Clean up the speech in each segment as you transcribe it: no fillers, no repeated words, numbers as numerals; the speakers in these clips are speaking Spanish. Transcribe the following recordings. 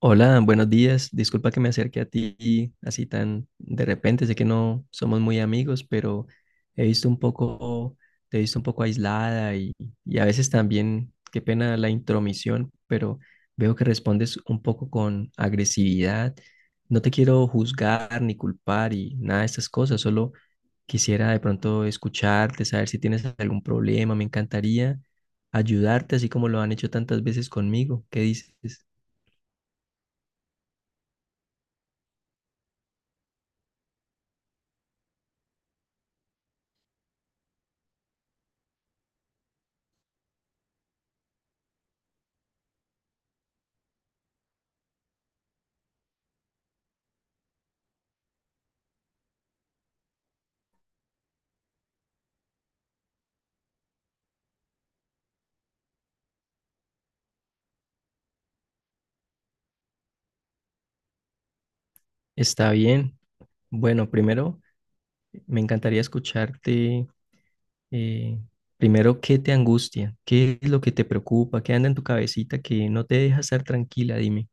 Hola, buenos días. Disculpa que me acerque a ti así tan de repente. Sé que no somos muy amigos, pero he visto un poco, te he visto un poco aislada y a veces también, qué pena la intromisión, pero veo que respondes un poco con agresividad. No te quiero juzgar ni culpar y nada de estas cosas. Solo quisiera de pronto escucharte, saber si tienes algún problema. Me encantaría ayudarte, así como lo han hecho tantas veces conmigo. ¿Qué dices? Está bien. Bueno, primero me encantaría escucharte, eh, primero, ¿qué te angustia? ¿Qué es lo que te preocupa? ¿Qué anda en tu cabecita que no te deja estar tranquila? Dime.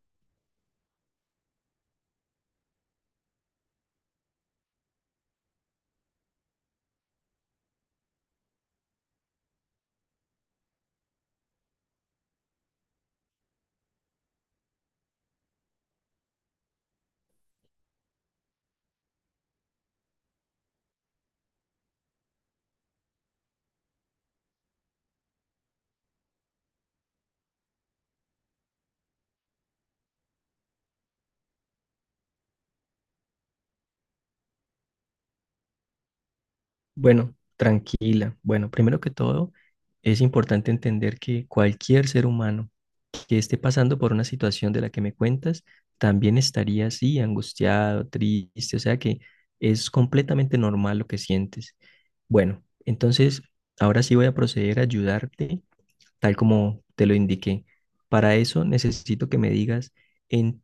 Bueno, tranquila. Bueno, primero que todo, es importante entender que cualquier ser humano que esté pasando por una situación de la que me cuentas, también estaría así, angustiado, triste, o sea que es completamente normal lo que sientes. Bueno, entonces, ahora sí voy a proceder a ayudarte tal como te lo indiqué. Para eso necesito que me digas en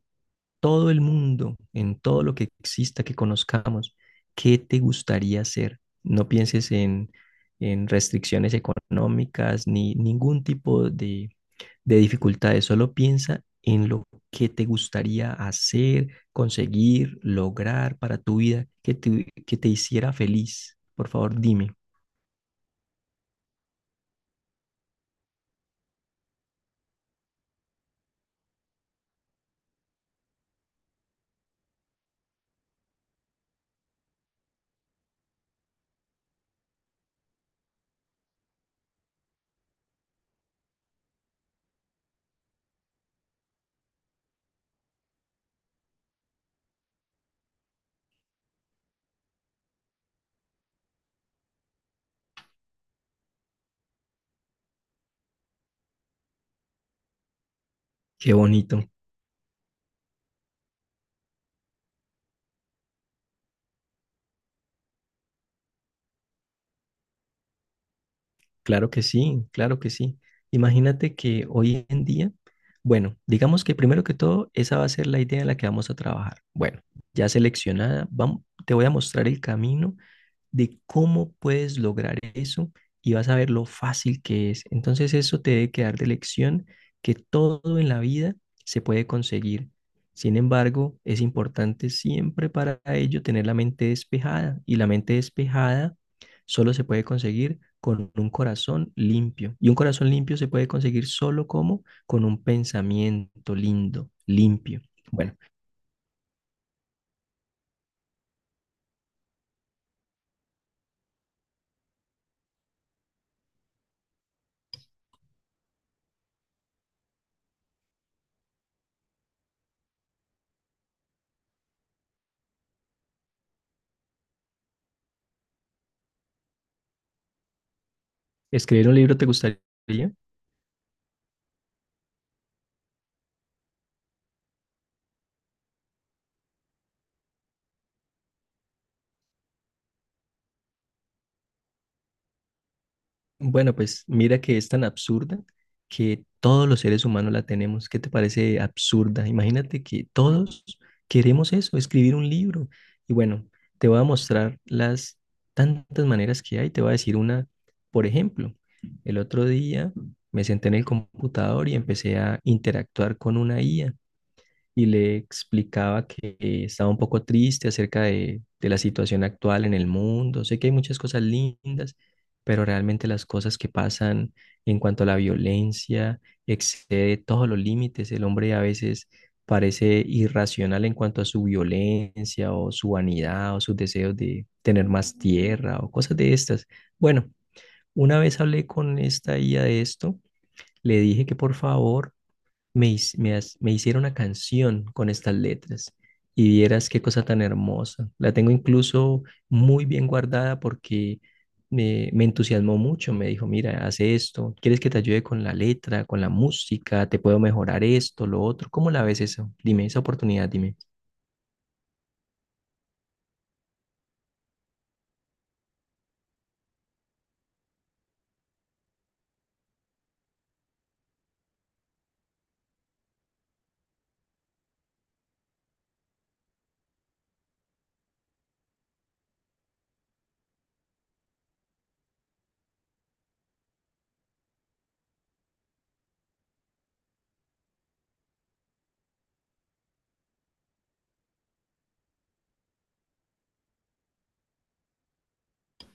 todo el mundo, en todo lo que exista, que conozcamos, qué te gustaría hacer. No pienses en restricciones económicas ni ningún tipo de dificultades, solo piensa en lo que te gustaría hacer, conseguir, lograr para tu vida, que te hiciera feliz. Por favor, dime. Qué bonito. Claro que sí, claro que sí. Imagínate que hoy en día, bueno, digamos que primero que todo, esa va a ser la idea en la que vamos a trabajar. Bueno, ya seleccionada, vamos, te voy a mostrar el camino de cómo puedes lograr eso y vas a ver lo fácil que es. Entonces eso te debe quedar de lección que todo en la vida se puede conseguir. Sin embargo, es importante siempre para ello tener la mente despejada, y la mente despejada solo se puede conseguir con un corazón limpio. Y un corazón limpio se puede conseguir solo como con un pensamiento lindo, limpio. Bueno, escribir un libro te gustaría. Bueno, pues mira que es tan absurda que todos los seres humanos la tenemos. ¿Qué te parece absurda? Imagínate que todos queremos eso, escribir un libro. Y bueno, te voy a mostrar las tantas maneras que hay. Te voy a decir una, por ejemplo, el otro día me senté en el computador y empecé a interactuar con una IA y le explicaba que estaba un poco triste acerca de la situación actual en el mundo. Sé que hay muchas cosas lindas, pero realmente las cosas que pasan en cuanto a la violencia excede todos los límites. El hombre a veces parece irracional en cuanto a su violencia o su vanidad o sus deseos de tener más tierra o cosas de estas. Bueno, una vez hablé con esta IA de esto, le dije que por favor me, his- me has- me hicieron una canción con estas letras y vieras qué cosa tan hermosa. La tengo incluso muy bien guardada porque me entusiasmó mucho. Me dijo, mira, hace esto, ¿quieres que te ayude con la letra, con la música? ¿Te puedo mejorar esto, lo otro? ¿Cómo la ves eso? Dime, esa oportunidad, dime.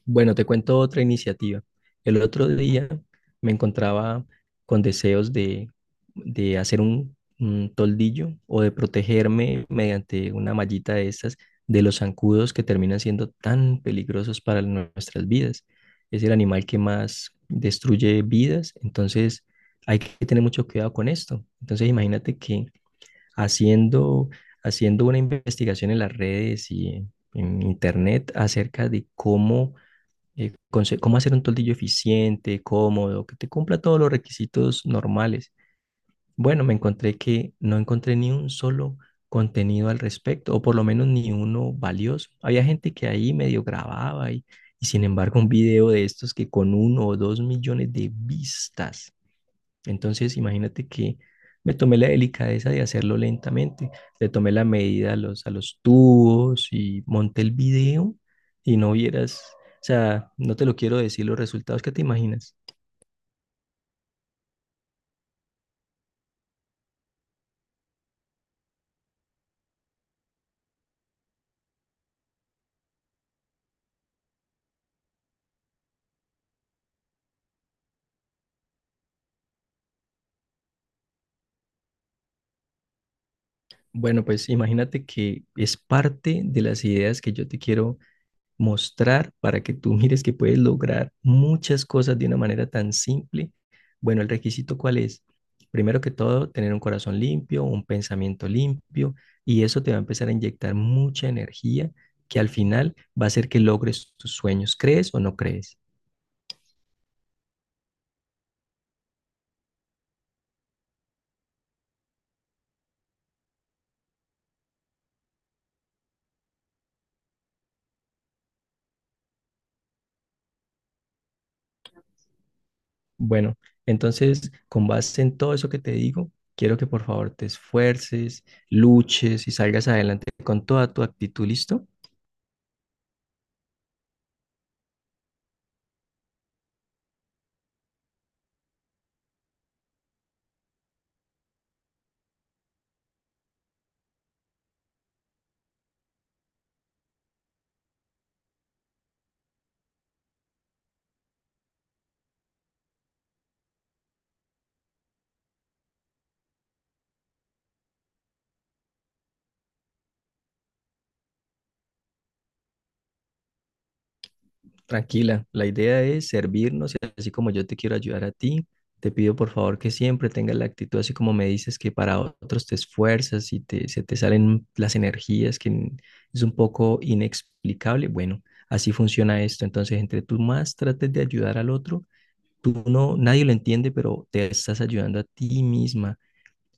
Bueno, te cuento otra iniciativa. El otro día me encontraba con deseos de hacer un toldillo o de protegerme mediante una mallita de estas, de los zancudos que terminan siendo tan peligrosos para nuestras vidas. Es el animal que más destruye vidas, entonces hay que tener mucho cuidado con esto. Entonces imagínate que haciendo, haciendo una investigación en las redes y en internet acerca de cómo cómo hacer un toldillo eficiente, cómodo, que te cumpla todos los requisitos normales. Bueno, me encontré que no encontré ni un solo contenido al respecto, o por lo menos ni uno valioso. Había gente que ahí medio grababa, y sin embargo un video de estos que con uno o dos millones de vistas. Entonces, imagínate que me tomé la delicadeza de hacerlo lentamente. Le tomé la medida a los tubos y monté el video y no vieras, o sea, no te lo quiero decir los resultados que te imaginas. Bueno, pues imagínate que es parte de las ideas que yo te quiero mostrar para que tú mires que puedes lograr muchas cosas de una manera tan simple. Bueno, el requisito ¿cuál es? Primero que todo, tener un corazón limpio, un pensamiento limpio, y eso te va a empezar a inyectar mucha energía que al final va a hacer que logres tus sueños. ¿Crees o no crees? Bueno, entonces, con base en todo eso que te digo, quiero que por favor te esfuerces, luches y salgas adelante con toda tu actitud, ¿listo? Tranquila, la idea es servirnos, y así como yo te quiero ayudar a ti, te pido por favor que siempre tengas la actitud así como me dices que para otros te esfuerzas y te, se te salen las energías que n- es un poco inexplicable. Bueno, así funciona esto. Entonces, entre tú más trates de ayudar al otro, tú no, nadie lo entiende, pero te estás ayudando a ti misma,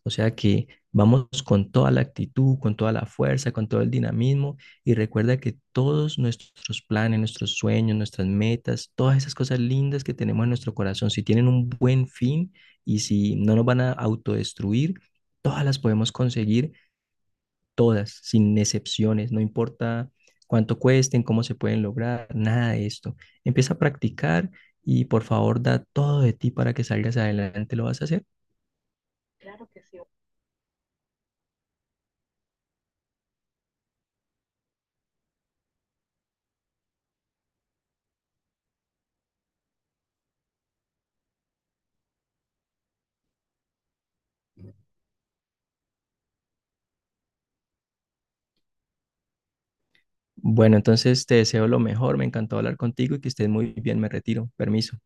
o sea que vamos con toda la actitud, con toda la fuerza, con todo el dinamismo, y recuerda que todos nuestros planes, nuestros sueños, nuestras metas, todas esas cosas lindas que tenemos en nuestro corazón, si tienen un buen fin y si no nos van a autodestruir, todas las podemos conseguir, todas, sin excepciones, no importa cuánto cuesten, cómo se pueden lograr, nada de esto. Empieza a practicar y por favor da todo de ti para que salgas adelante, lo vas a hacer. Bueno, entonces te deseo lo mejor, me encantó hablar contigo y que estés muy bien, me retiro, permiso.